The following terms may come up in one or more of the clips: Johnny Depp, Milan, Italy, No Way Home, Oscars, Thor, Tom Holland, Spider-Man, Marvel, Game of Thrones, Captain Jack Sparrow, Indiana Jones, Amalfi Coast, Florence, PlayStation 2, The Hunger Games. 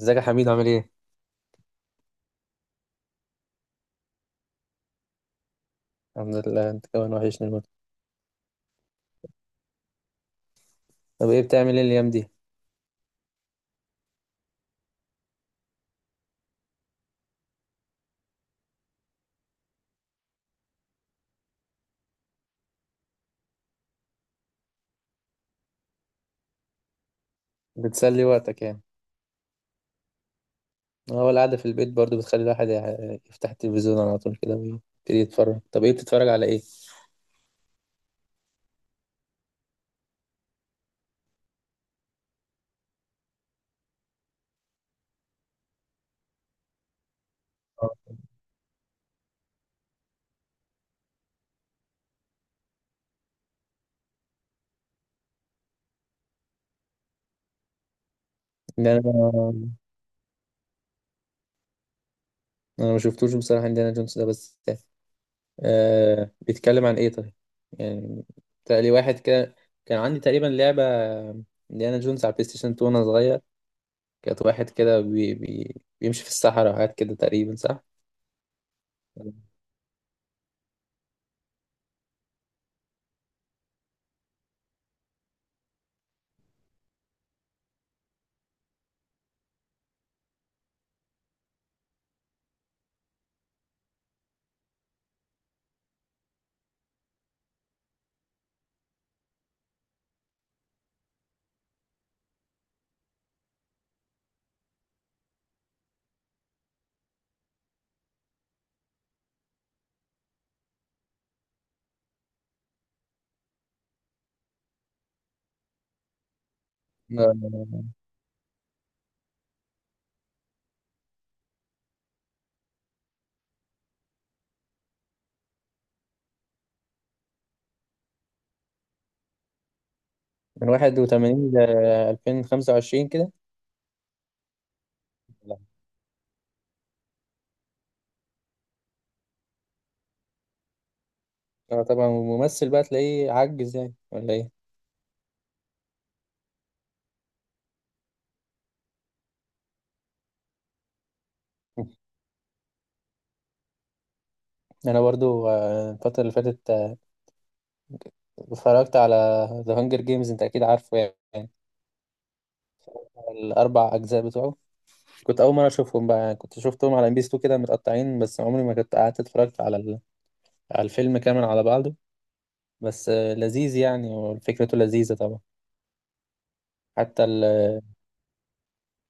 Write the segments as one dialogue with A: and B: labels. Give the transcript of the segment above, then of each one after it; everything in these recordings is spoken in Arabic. A: ازيك يا حميد، عامل ايه؟ الحمد لله، انت كمان وحشني الموت. طب ايه بتعمل ايه الايام دي؟ بتسلي وقتك يعني. هو القعدة في البيت برضو بتخلي الواحد يفتح التلفزيون على طول كده ويبتدي يتفرج. طب ايه بتتفرج على ايه؟ آه. ان انا انا ما شفتوش بصراحة انديانا جونز ده، بس آه بيتكلم عن ايه طيب؟ يعني لي واحد كده، كان عندي تقريبا لعبة انديانا جونز على البلاي ستيشن 2 وانا صغير. كانت واحد كده بيمشي في الصحراء وحاجات كده تقريبا، صح؟ من 81 ل 2025 كده. لا. اه طبعا، وممثل بقى تلاقيه عجز يعني، ولا ايه؟ انا برضو الفترة اللي فاتت اتفرجت على ذا هانجر جيمز. انت اكيد عارفه يعني، الاربع اجزاء بتوعه. كنت اول مرة اشوفهم بقى يعني، كنت شفتهم على ام بي 2 كده متقطعين، بس عمري ما كنت قعدت اتفرجت على على الفيلم كامل على بعضه. بس لذيذ يعني، وفكرته لذيذة طبعا. حتى ال...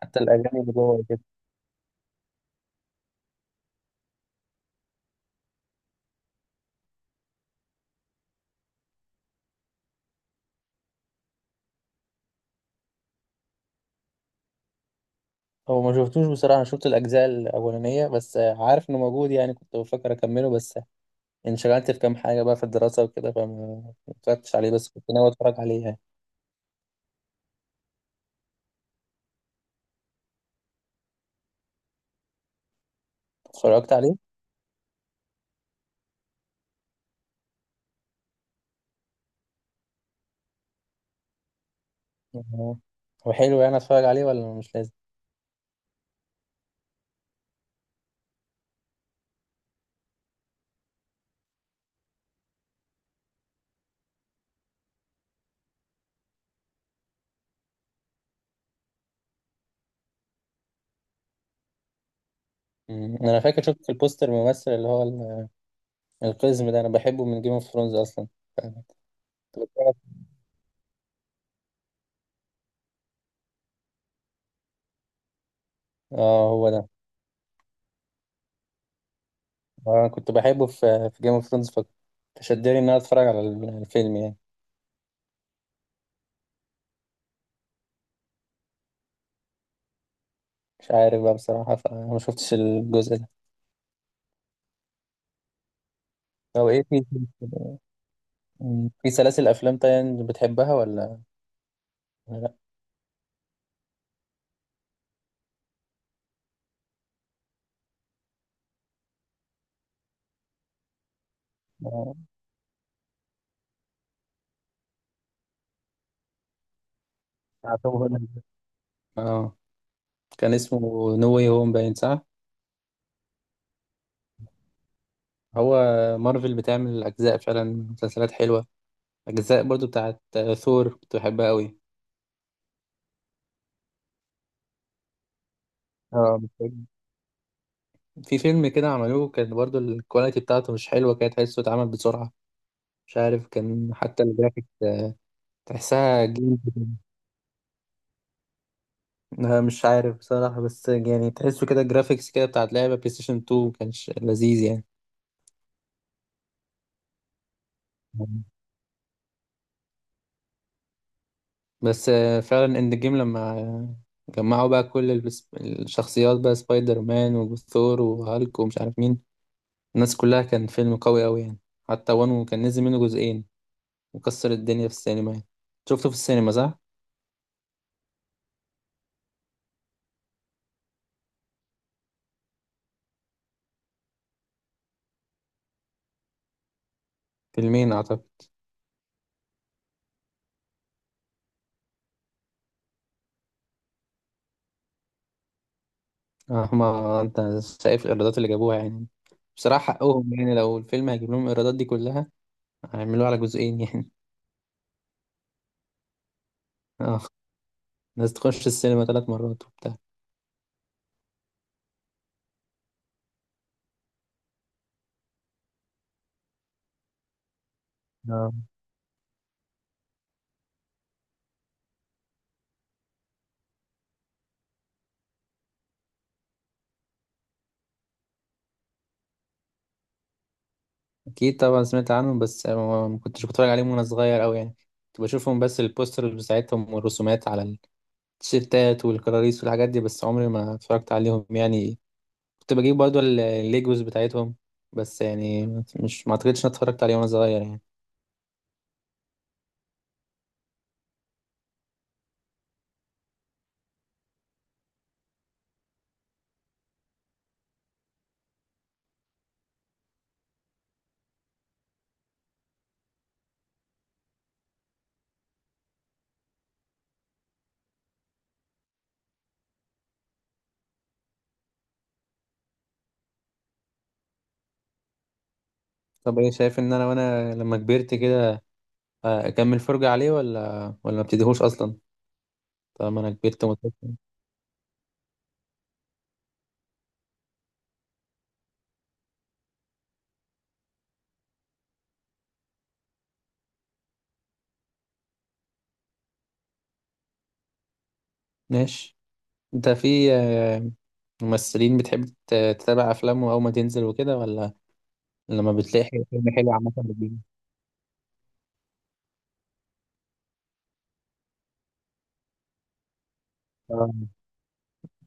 A: حتى الاغاني اللي جوه. هو ما شفتوش بصراحة، أنا شفت الأجزاء الأولانية بس. عارف إنه موجود يعني، كنت بفكر أكمله بس انشغلت في كام حاجة بقى في الدراسة وكده، فما ما اتفرجتش عليه، بس كنت ناوي أتفرج عليه يعني. اتفرجت عليه. آه، هو حلو يعني؟ أتفرج عليه ولا مش لازم؟ مم. أنا فاكر شفت في البوستر الممثل اللي هو القزم ده، أنا بحبه من جيم اوف ثرونز أصلا. كنت بتفرج- آه، هو ده. آه، كنت بحبه في جيم اوف ثرونز، فشدني إن أنا أتفرج على الفيلم يعني. مش عارف بقى بصراحة، فما شفتش الجزء ده. طب إيه فيه؟ مم. في سلاسل أفلام تانية بتحبها، ولا لأ؟ آه، بتاع توم هولاند. اه، كان اسمه نو واي هوم باين، صح؟ هو مارفل بتعمل أجزاء فعلا، مسلسلات حلوة. أجزاء برضو بتاعت ثور كنت بحبها أوي. اه بتحب. في فيلم كده عملوه، كان برضو الكواليتي بتاعته مش حلوة، كده تحسه اتعمل بسرعة. مش عارف، كان حتى الجرافيك تحسها جيم كده. أنا مش عارف بصراحة، بس يعني تحسه كده الجرافيكس كده بتاعت لعبة بلاي ستيشن 2 مكانش لذيذ يعني. بس فعلا اند جيم لما جمعوا بقى كل الشخصيات بقى، سبايدر مان وثور وهالك ومش عارف مين، الناس كلها، كان فيلم قوي قوي يعني. حتى وانو كان نزل منه جزئين وكسر الدنيا في السينما يعني. شفته في السينما، صح؟ فيلمين اعتقد. هما انت شايف الايرادات اللي جابوها يعني، بصراحة حقهم يعني، لو الفيلم هيجيب لهم الايرادات دي كلها هيعملوه على جزئين يعني. اه، الناس تخش السينما ثلاث مرات وبتاع. اكيد طبعا سمعت عنهم، بس ما كنتش بتفرج عليهم وانا صغير قوي يعني. كنت بشوفهم بس البوسترز بتاعتهم والرسومات على التيشيرتات والكراريس والحاجات دي، بس عمري ما اتفرجت عليهم يعني. كنت بجيب برضو الليجوز بتاعتهم بس يعني، مش ما اعتقدش اني اتفرجت عليه وانا صغير يعني. طب ايه شايف ان انا، وانا لما كبرت كده اكمل فرجة عليه ولا ما ابتديهوش اصلا، طالما انا كبرت ومتفرجت؟ ماشي. انت في ممثلين بتحب تتابع افلامه اول ما تنزل وكده، ولا لما بتلاقي فيلم حلو عامة بتجيبه؟ اه،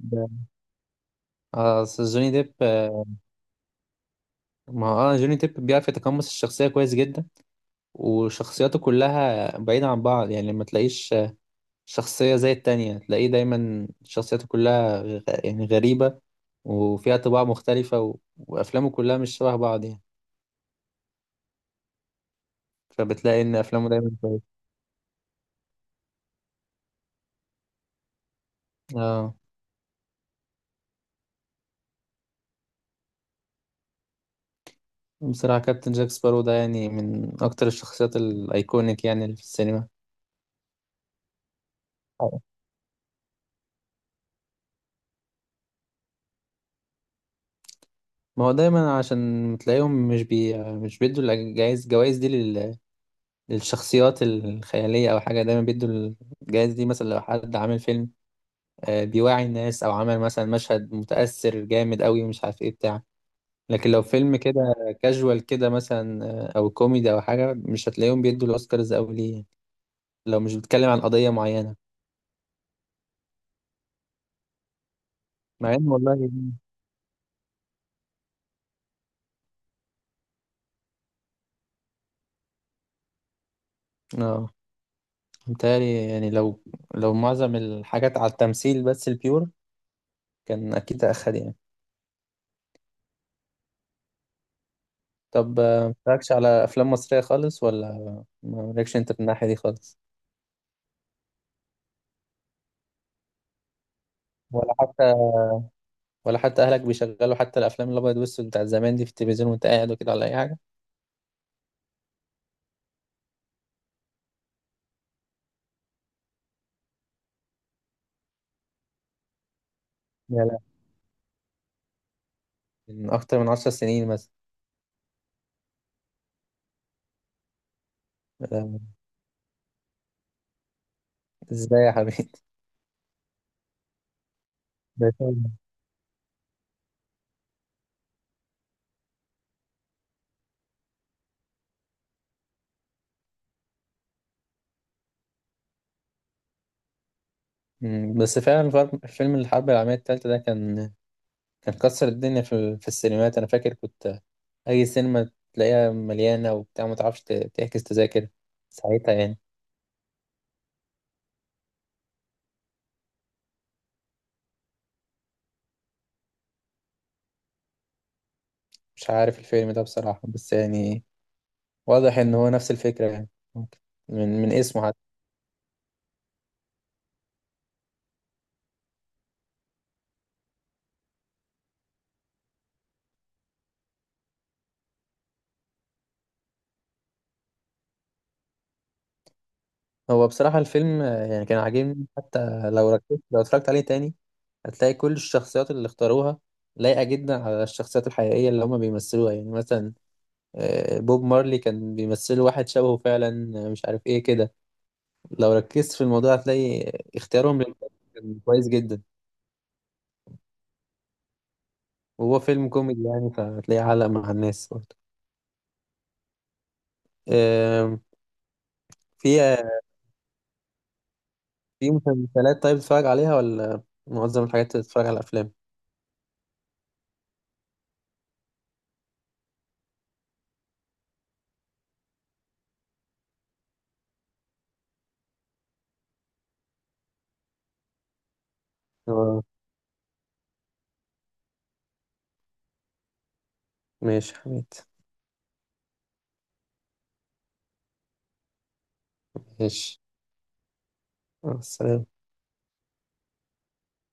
A: ده اه أصل جوني ديب ما هو اه، جوني ديب بيعرف يتقمص الشخصية كويس جدا، وشخصياته كلها بعيدة عن بعض يعني، ما تلاقيش شخصية زي التانية، تلاقيه دايما شخصياته كلها يعني غريبة، وفيها طباع مختلفة، وأفلامه كلها مش شبه بعض يعني، فبتلاقي إن أفلامه دايما كويسة. اه، بصراحة كابتن جاك سبارو ده يعني من أكتر الشخصيات الأيكونيك يعني اللي في السينما. ما هو دايما عشان تلاقيهم مش بيدوا الجوائز دي للشخصيات الخيالية أو حاجة. دايما بيدوا الجوائز دي مثلا لو حد عامل فيلم بيوعي الناس، أو عمل مثلا مشهد متأثر جامد أوي ومش عارف إيه بتاع. لكن لو فيلم كده كاجوال كده مثلا أو كوميدي أو حاجة، مش هتلاقيهم بيدوا الأوسكارز أوي ليه يعني، لو مش بيتكلم عن قضية معينة. مع إن والله، اه متهيألي يعني لو معظم الحاجات على التمثيل بس البيور، كان أكيد أخد يعني. طب متفرجش على افلام مصريه خالص، ولا مالكش انت في الناحيه دي خالص؟ ولا حتى ولا حتى اهلك بيشغلوا حتى الافلام الابيض والاسود بتاع زمان دي في التلفزيون وانت قاعد وكده، ولا اي حاجه؟ لا، لا. من اكتر من 10 سنين مثلا؟ آه، ازاي يا حبيبي؟ ده فيلم. بس فعلا فيلم الحرب العالميه الثالثه ده كان كسر الدنيا في السينمات. انا فاكر كنت اي سينما تلاقيها مليانه وبتاع، ما تعرفش تحجز تذاكر ساعتها يعني. مش عارف الفيلم ده بصراحه، بس يعني واضح ان هو نفس الفكره يعني، من اسمه حتى. هو بصراحه الفيلم يعني كان عاجبني، حتى لو ركزت، لو اتفرجت عليه تاني هتلاقي كل الشخصيات اللي اختاروها لايقه جدا على الشخصيات الحقيقيه اللي هما بيمثلوها يعني. مثلا بوب مارلي كان بيمثل واحد شبهه فعلا، مش عارف ايه كده، لو ركزت في الموضوع هتلاقي اختيارهم للكاست كان كويس جدا. وهو فيلم كوميدي يعني، فهتلاقيه علق مع الناس برضه. آم، في آه، في مسلسلات طيب بتتفرج عليها، ولا معظم الحاجات بتتفرج على افلام؟ اه، ماشي حميد. ماشي، مع السلامة.